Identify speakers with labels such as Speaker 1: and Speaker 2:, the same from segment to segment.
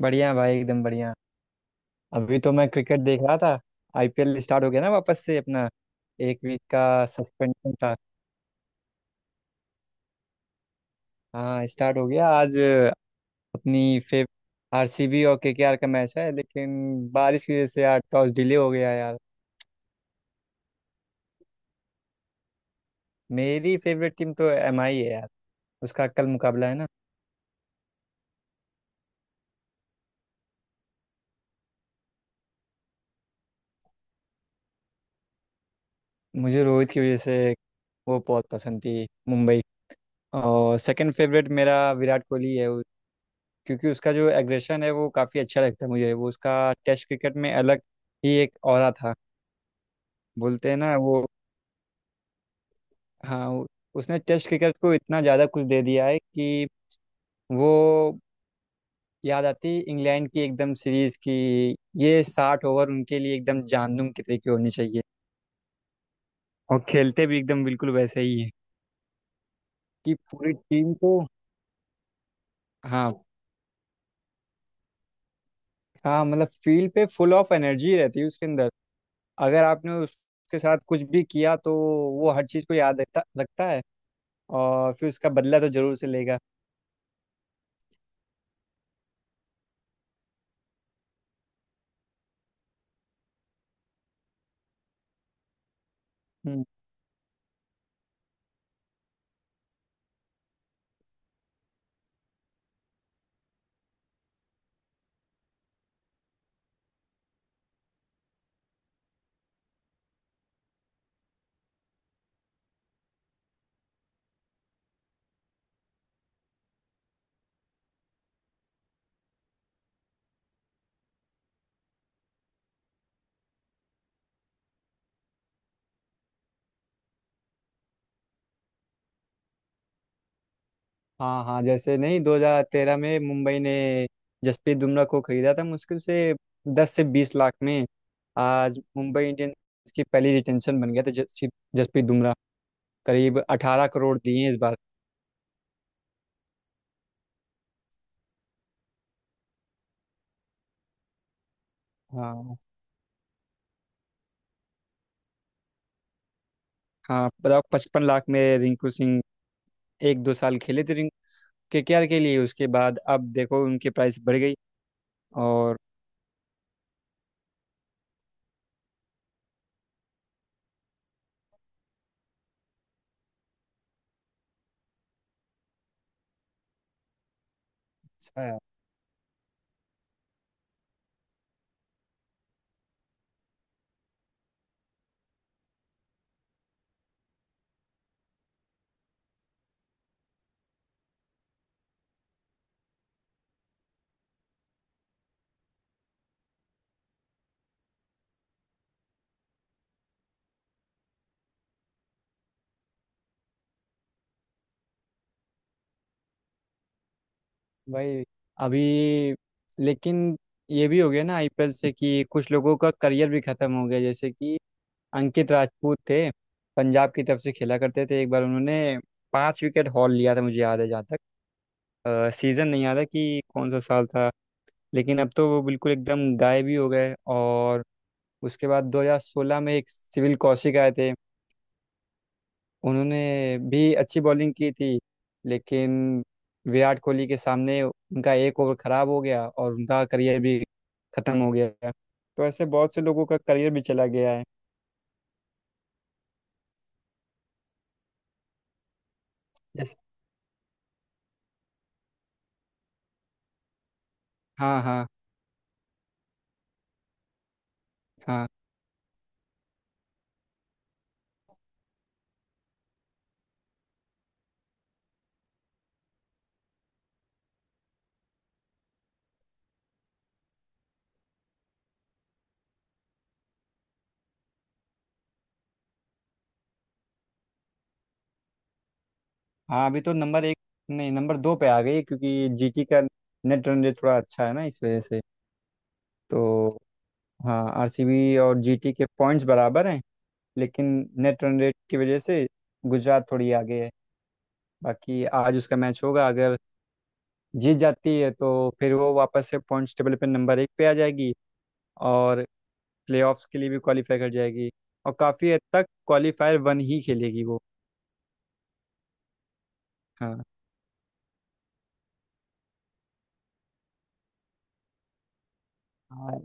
Speaker 1: बढ़िया भाई एकदम बढ़िया। अभी तो मैं क्रिकेट देख रहा था। आईपीएल स्टार्ट हो गया ना वापस से अपना। एक वीक का सस्पेंशन था। हाँ स्टार्ट हो गया आज। अपनी फेव आरसीबी और केकेआर का मैच है, लेकिन बारिश की वजह से यार टॉस डिले हो गया यार। मेरी फेवरेट टीम तो एमआई है यार। उसका कल मुकाबला है ना। मुझे रोहित की वजह से वो बहुत पसंद थी मुंबई। और सेकंड फेवरेट मेरा विराट कोहली है, क्योंकि उसका जो एग्रेशन है वो काफ़ी अच्छा लगता है मुझे। वो उसका टेस्ट क्रिकेट में अलग ही एक ऑरा था। बोलते हैं ना वो। हाँ, उसने टेस्ट क्रिकेट को इतना ज़्यादा कुछ दे दिया है कि वो, याद आती इंग्लैंड की एकदम सीरीज की। ये 60 ओवर उनके लिए एकदम जानदुम के तरीके होनी चाहिए। और खेलते भी एकदम बिल्कुल वैसे ही है कि पूरी टीम को। हाँ हाँ, मतलब फील्ड पे फुल ऑफ एनर्जी रहती है उसके अंदर। अगर आपने उसके साथ कुछ भी किया तो वो हर चीज़ को याद रखता रखता है। और फिर उसका बदला तो जरूर से लेगा। हम्म, हाँ हाँ, जैसे नहीं 2013 में मुंबई ने जसप्रीत बुमराह को खरीदा था मुश्किल से 10 से 20 लाख में। आज मुंबई इंडियंस की पहली रिटेंशन बन गया था जसप्रीत बुमराह। करीब 18 करोड़ दिए हैं इस बार। हाँ हाँ, बताओ 55 लाख में रिंकू सिंह एक दो साल खेले थे रिंकू केकेआर के लिए। उसके बाद अब देखो उनकी प्राइस बढ़ गई। और भाई अभी, लेकिन ये भी हो गया ना आईपीएल से कि कुछ लोगों का करियर भी खत्म हो गया। जैसे कि अंकित राजपूत थे, पंजाब की तरफ से खेला करते थे। एक बार उन्होंने 5 विकेट हॉल लिया था, मुझे याद है जहाँ तक। सीजन नहीं याद है कि कौन सा साल था। लेकिन अब तो वो बिल्कुल एकदम गायब ही हो गए। और उसके बाद 2016 में एक सिविल कौशिक आए थे। उन्होंने भी अच्छी बॉलिंग की थी। लेकिन विराट कोहली के सामने उनका एक ओवर खराब हो गया और उनका करियर भी खत्म हो गया। तो ऐसे बहुत से लोगों का करियर भी चला गया है। जैसे। हाँ हाँ। हाँ हाँ, अभी तो नंबर एक, नहीं नंबर दो पे आ गई क्योंकि जीटी का नेट रन रेट थोड़ा अच्छा है ना इस वजह से। तो हाँ, आरसीबी और जीटी के पॉइंट्स बराबर हैं। लेकिन नेट रन रेट की वजह से गुजरात थोड़ी आगे है। बाकी आज उसका मैच होगा। अगर जीत जाती है तो फिर वो वापस से पॉइंट्स टेबल पे नंबर एक पे आ जाएगी। और प्लेऑफ्स के लिए भी क्वालिफाई कर जाएगी। और काफ़ी हद तक क्वालिफायर वन ही खेलेगी वो। हाँ हाँ,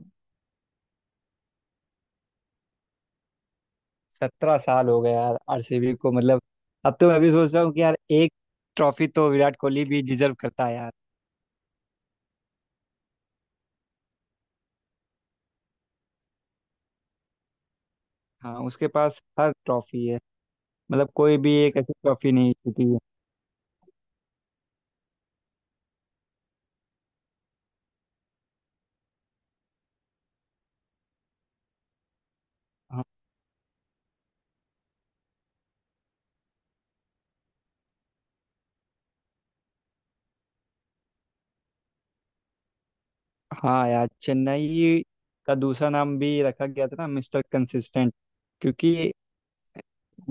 Speaker 1: 17 साल हो गए यार आरसीबी को। मतलब अब तो मैं भी सोच रहा हूँ कि यार एक ट्रॉफी तो विराट कोहली भी डिजर्व करता है यार। हाँ उसके पास हर ट्रॉफी है। मतलब कोई भी एक ऐसी ट्रॉफी नहीं जीती है। हाँ। हाँ यार, चेन्नई का दूसरा नाम भी रखा गया था ना, मिस्टर कंसिस्टेंट। क्योंकि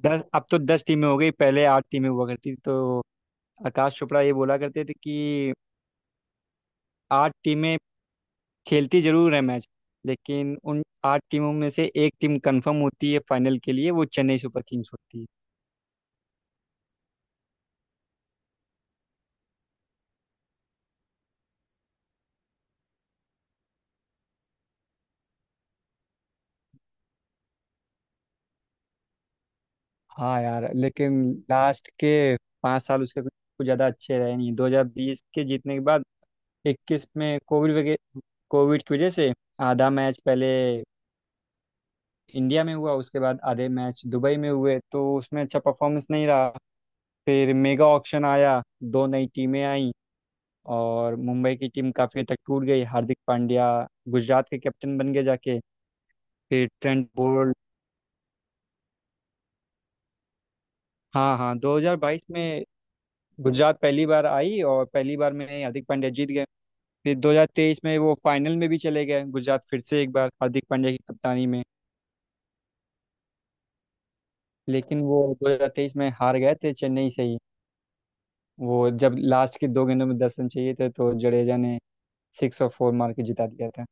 Speaker 1: दस, अब तो 10 टीमें हो गई, पहले आठ टीमें हुआ करती थी। तो आकाश चोपड़ा ये बोला करते थे कि आठ टीमें खेलती जरूर है मैच, लेकिन उन आठ टीमों में से एक टीम कंफर्म होती है फाइनल के लिए, वो चेन्नई सुपर किंग्स होती है। हाँ यार लेकिन लास्ट के 5 साल उसके कुछ कुछ ज़्यादा अच्छे रहे नहीं। 2020 के जीतने के बाद 21 में कोविड की वजह से आधा मैच पहले इंडिया में हुआ, उसके बाद आधे मैच दुबई में हुए। तो उसमें अच्छा परफॉर्मेंस नहीं रहा। फिर मेगा ऑक्शन आया, दो नई टीमें आईं और मुंबई की टीम काफी हद तक टूट गई। हार्दिक पांड्या गुजरात के कैप्टन बन गए जाके। फिर ट्रेंट बोल्ट। हाँ हाँ, 2022 में गुजरात पहली बार आई और पहली बार में ही हार्दिक पांड्या जीत गए। फिर 2023 में वो फाइनल में भी चले गए गुजरात, फिर से एक बार हार्दिक पांड्या की कप्तानी में। लेकिन वो 2023 में हार गए थे चेन्नई से ही। वो जब लास्ट के 2 गेंदों में 10 रन चाहिए थे तो जडेजा ने सिक्स और फोर मार के जिता दिया था।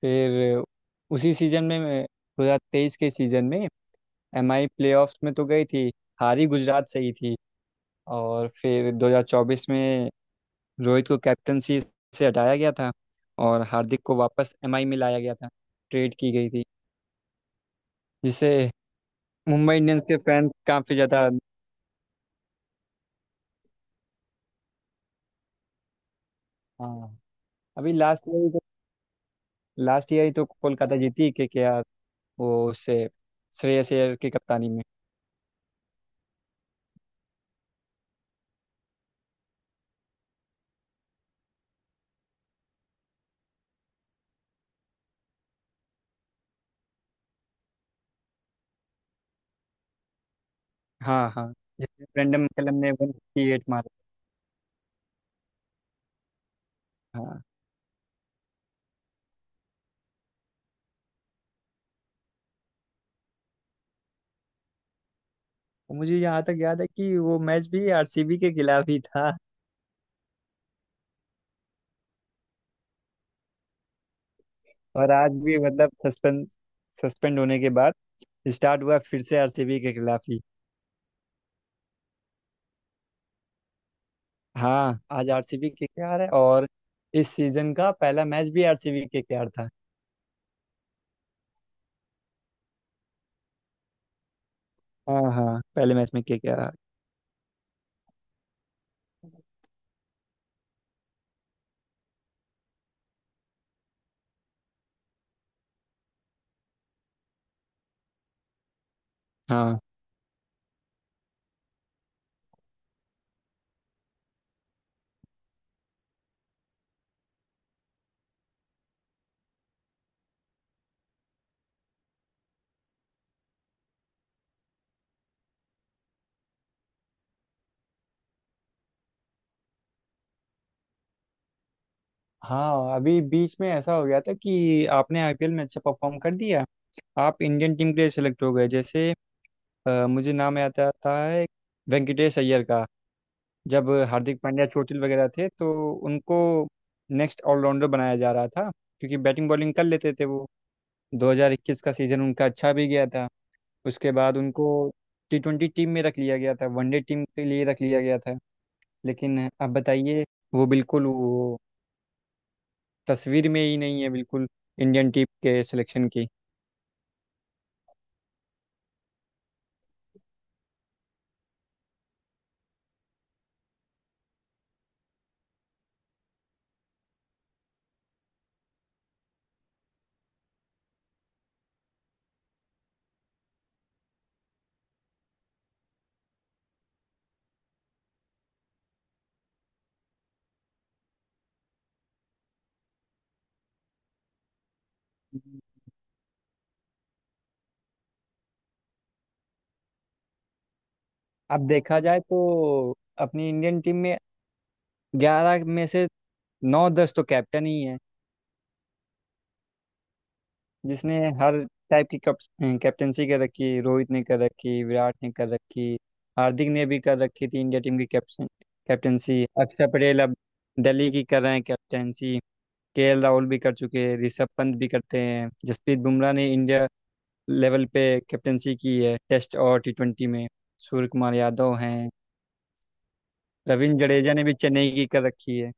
Speaker 1: फिर उसी सीजन में 2023 के सीजन में एमआई प्लेऑफ्स में तो गई थी, हारी गुजरात से ही थी। और फिर 2024 में रोहित को कैप्टनसी से हटाया गया था और हार्दिक को वापस एमआई में लाया गया था, ट्रेड की गई थी। जिससे मुंबई इंडियंस के फैंस काफ़ी ज़्यादा। हाँ, अभी लास्ट ईयर ही तो, लास्ट ईयर ही तो कोलकाता जीती, के आर। वो उससे श्रेयस अय्यर की कप्तानी में। हाँ हाँ, जिसमें ब्रेंडन मैकलम ने 158 मारा। हाँ, मुझे यहाँ तक याद है कि वो मैच भी आरसीबी के खिलाफ ही था। और आज भी मतलब सस्पेंड सस्पेंड होने के बाद स्टार्ट हुआ फिर से आरसीबी के खिलाफ ही। हाँ आज आरसीबी के केकेआर है और इस सीजन का पहला मैच भी आरसीबी के केकेआर था। हाँ हाँ, पहले मैच में केकेआर। हाँ हाँ, अभी बीच में ऐसा हो गया था कि आपने आईपीएल में अच्छा परफॉर्म कर दिया, आप इंडियन टीम के लिए सेलेक्ट हो गए। जैसे मुझे नाम याद आता है वेंकटेश अय्यर का। जब हार्दिक पांड्या चोटिल वगैरह थे तो उनको नेक्स्ट ऑलराउंडर बनाया जा रहा था क्योंकि बैटिंग बॉलिंग कर लेते थे वो। 2021 का सीजन उनका अच्छा भी गया था। उसके बाद उनको टी ट्वेंटी टीम में रख लिया गया था, वनडे टीम के लिए रख लिया गया था। लेकिन अब बताइए, वो बिल्कुल, वो तस्वीर में ही नहीं है बिल्कुल इंडियन टीम के सिलेक्शन की। अब देखा जाए तो अपनी इंडियन टीम में 11 में से नौ दस तो कैप्टन ही है। जिसने हर टाइप की कैप्टेंसी कर रखी, रोहित ने कर रखी, विराट ने कर रखी, हार्दिक ने भी कर रखी थी इंडिया टीम की कैप्टन कैप्टेंसी। अक्षर पटेल अब दिल्ली की कर रहे हैं कैप्टेंसी। केएल राहुल भी कर चुके हैं, ऋषभ पंत भी करते हैं। जसप्रीत बुमराह ने इंडिया लेवल पे कैप्टेंसी की है टेस्ट और टी ट्वेंटी में। सूर्य कुमार यादव हैं, रविंद्र जडेजा ने भी चेन्नई की कर रखी है।